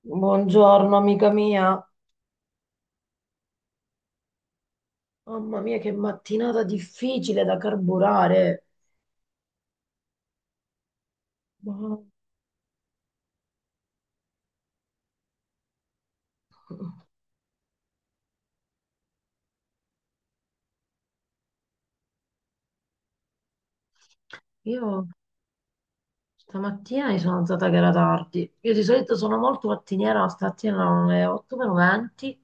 Buongiorno amica mia, mamma mia che mattinata difficile da carburare. Ma- Io stamattina mi sono alzata che era tardi. Io di solito sono molto mattiniera, ma stamattina erano le 8 meno 20,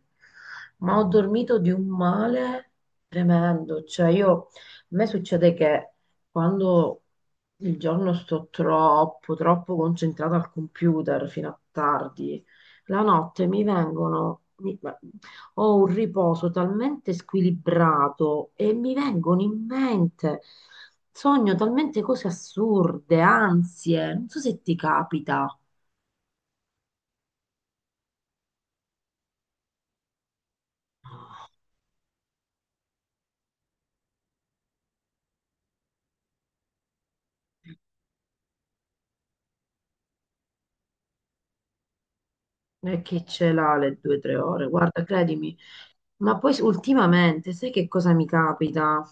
ma ho dormito di un male tremendo. Cioè io, a me succede che quando il giorno sto troppo concentrata al computer fino a tardi, la notte ho un riposo talmente squilibrato e mi vengono in mente, sogno talmente cose assurde, ansie. Non so se ti capita. E chi ce l'ha le due o tre ore? Guarda, credimi. Ma poi ultimamente, sai che cosa mi capita?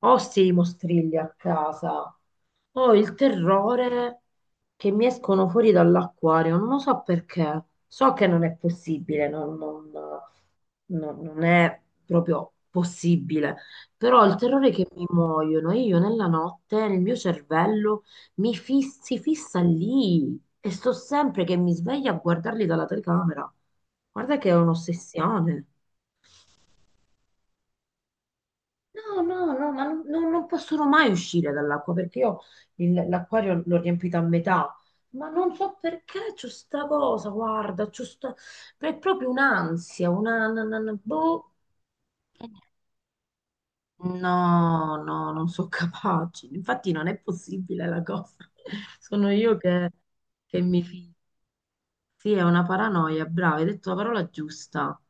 Ho sti mostrilli a casa. Ho il terrore che mi escono fuori dall'acquario, non lo so perché. So che non è possibile, non è proprio possibile, però ho il terrore che mi muoiono e io nella notte, nel mio cervello, si fissa lì e sto sempre che mi sveglio a guardarli dalla telecamera. Guarda che è un'ossessione. No, no, no, ma non possono mai uscire dall'acqua perché io l'acquario l'ho riempito a metà, ma non so perché c'ho sta cosa, guarda, c'ho sta... è proprio un'ansia, boh. No, no, non sono capace, infatti non è possibile la cosa, sono io che mi fido. Sì, è una paranoia, brava, hai detto la parola giusta.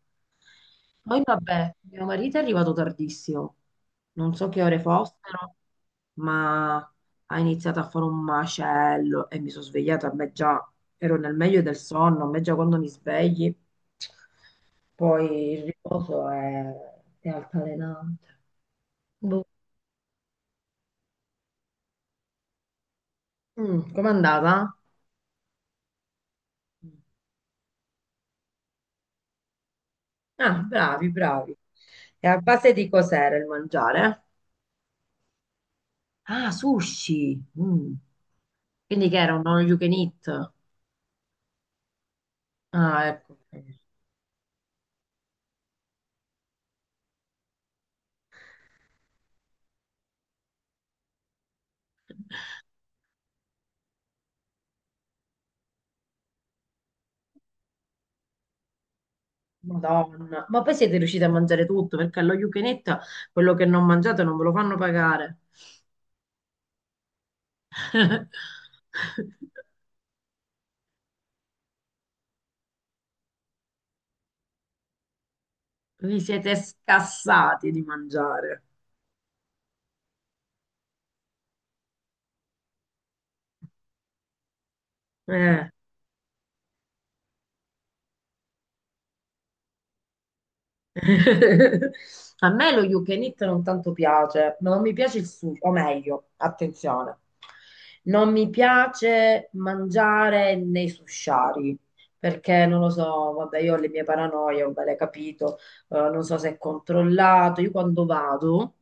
Poi vabbè, mio marito è arrivato tardissimo, non so che ore fossero, ma ha iniziato a fare un macello e mi sono svegliata, a me già ero nel meglio del sonno, a me già quando mi svegli, poi il riposo è altalenante. Boh. Mm, com'è andata? Ah, bravi, bravi. E a base di cos'era il mangiare? Ah, sushi. Mm. Quindi che era un all you can eat? Ah, ecco. Madonna. Ma poi siete riusciti a mangiare tutto, perché allo you can eat quello che non mangiate non ve lo fanno pagare. Vi siete scassati di mangiare. Eh. A me lo you can eat non tanto piace, ma non mi piace il sushi, o meglio, attenzione, non mi piace mangiare nei sushari, perché non lo so, vabbè, io ho le mie paranoie, ho le capito, non so se è controllato, io quando vado,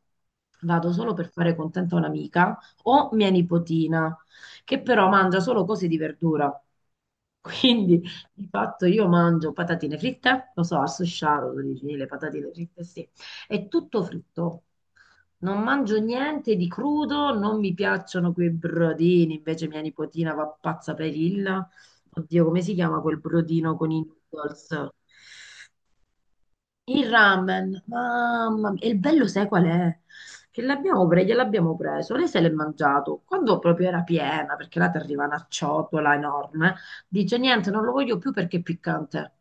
vado solo per fare contenta un'amica o mia nipotina, che però mangia solo cose di verdura. Quindi di fatto io mangio patatine fritte, lo so, al susciaro, tu dici, le patatine fritte, sì, è tutto fritto. Non mangio niente di crudo, non mi piacciono quei brodini, invece mia nipotina va pazza per il, oddio, come si chiama quel brodino con i noodles? Il ramen, mamma mia, e il bello sai qual è? Che l'abbiamo preso, gliel'abbiamo preso, lei se l'è mangiato, quando proprio era piena, perché là ti arriva una ciotola enorme, dice niente, non lo voglio più perché è piccante.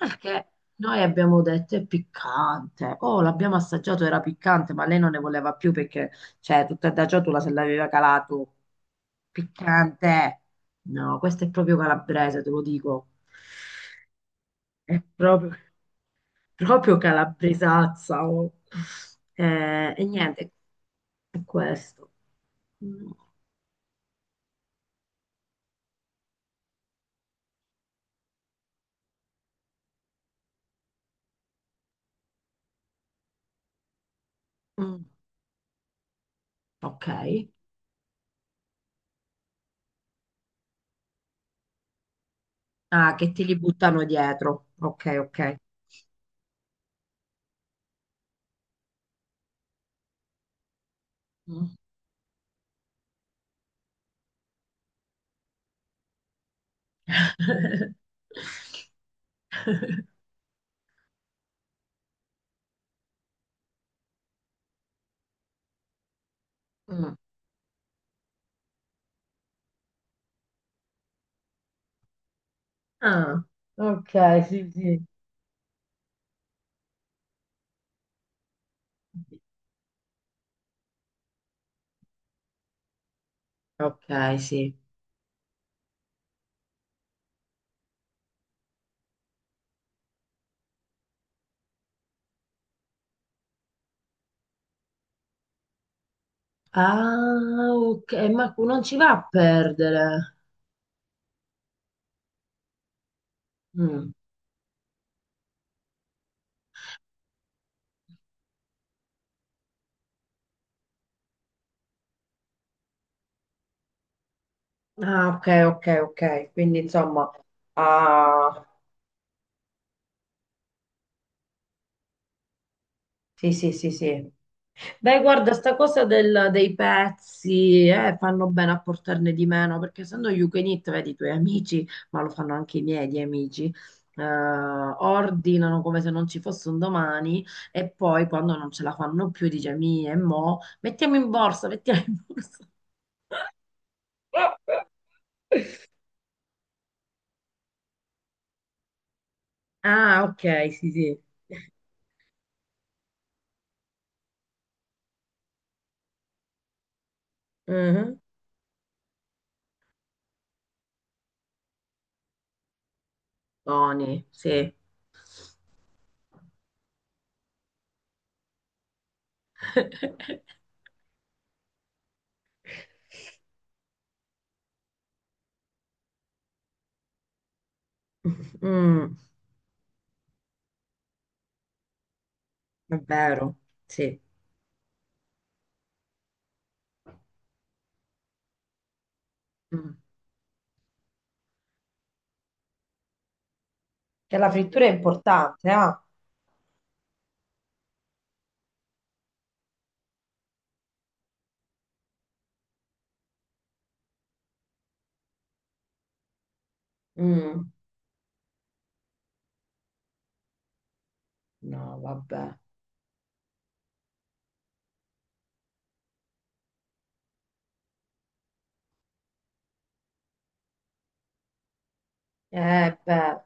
Ah, perché noi abbiamo detto è piccante, oh l'abbiamo assaggiato, era piccante, ma lei non ne voleva più perché, cioè, tutta da ciotola se l'aveva calato. Piccante! No, questo è proprio calabrese, te lo dico. È proprio, proprio calabresazza. Oh. E niente, è questo. Mm, mm, ok. Ah, che te li buttano dietro. Ok, ok. Mm. Mm. Ah, ok, sì, sì. Ok, sì. Ah, ok, ma non ci va a perdere. Mm. Ah, ok, ok, ok. Quindi insomma, ah, sì, sì, sì, sì. Beh, guarda, sta cosa dei pezzi, fanno bene a portarne di meno, perché essendo you can eat, vedi i tuoi amici, ma lo fanno anche i miei di amici, ordinano come se non ci fosse un domani e poi quando non ce la fanno più dice, mi e mo, mettiamo in borsa, mettiamo in borsa. Ah, ok, sì, sì. Mhm. Buoni, sì. Mm, è vero, sì. Mm. Che la frittura è importante, ah. Mm, no, vabbè. Eh beh,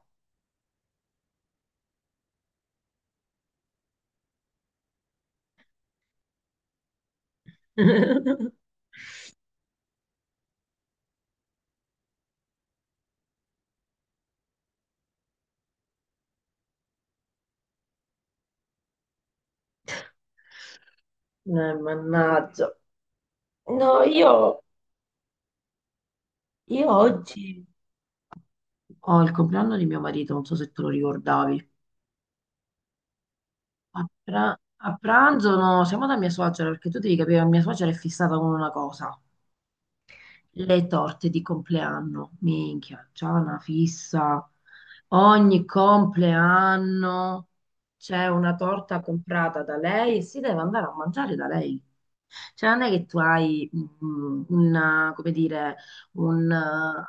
eh, mannaggia. No, io oggi ho il compleanno di mio marito, non so se te lo ricordavi. A pranzo no, siamo da mia suocera, perché tu devi capire, mia suocera è fissata con una cosa. Le torte di compleanno, minchia, c'è una fissa. Ogni compleanno c'è una torta comprata da lei e si deve andare a mangiare da lei. Cioè, non è che tu hai una, come dire, un, eh,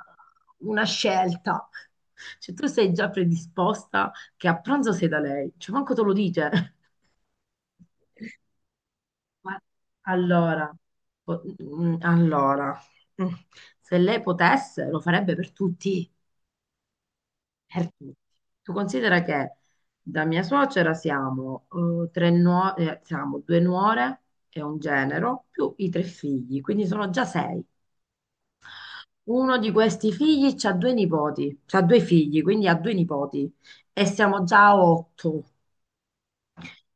una scelta. Cioè, tu sei già predisposta che a pranzo sei da lei. Cioè, manco te lo dice. Ma- Allora, po- mm, allora, mm, se lei potesse lo farebbe per tutti, per tutti. Tu considera che da mia suocera siamo, siamo due nuore e un genero, più i tre figli, quindi sono già sei. Uno di questi figli ha due nipoti, ha due figli, quindi ha due nipoti e siamo già a otto.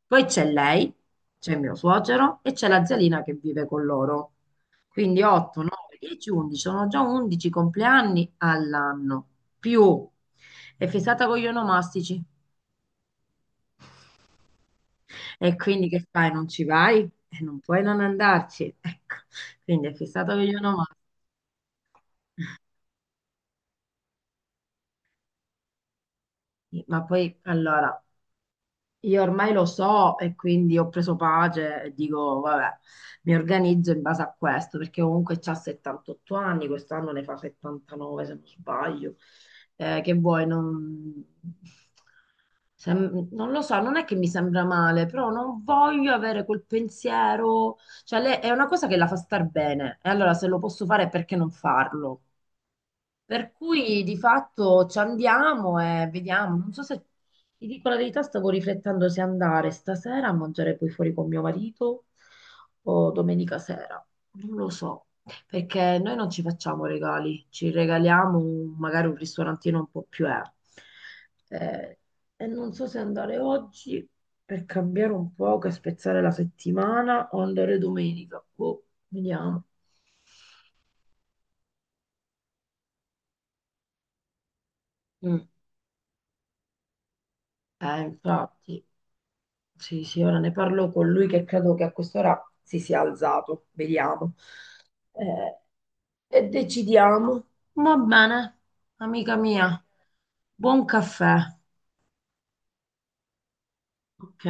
Poi c'è lei, c'è mio suocero e c'è la zialina che vive con loro. Quindi 8, 9, 10, 11, sono già 11 compleanni all'anno, più è fissata con gli onomastici. E quindi che fai? Non ci vai? E non puoi non andarci. Ecco, quindi è fissata con gli onomastici. Ma poi, allora, io ormai lo so e quindi ho preso pace e dico, vabbè, mi organizzo in base a questo, perché comunque c'ha 78 anni, quest'anno ne fa 79 se non sbaglio. Che vuoi, non... non lo so, non è che mi sembra male, però non voglio avere quel pensiero, è una cosa che la fa star bene, e allora se lo posso fare perché non farlo? Per cui di fatto ci andiamo e vediamo. Non so se ti dico la verità, stavo riflettendo se andare stasera a mangiare poi fuori con mio marito o domenica sera. Non lo so, perché noi non ci facciamo regali, ci regaliamo magari un ristorantino un po' più Eh, e non so se andare oggi per cambiare un po', che spezzare la settimana o andare domenica. Boh, vediamo. Mm. Infatti. Sì, sì, ora ne parlo con lui che credo che a quest'ora si sia alzato, vediamo. Eh, e decidiamo. Va bene, amica mia, buon caffè. Ok.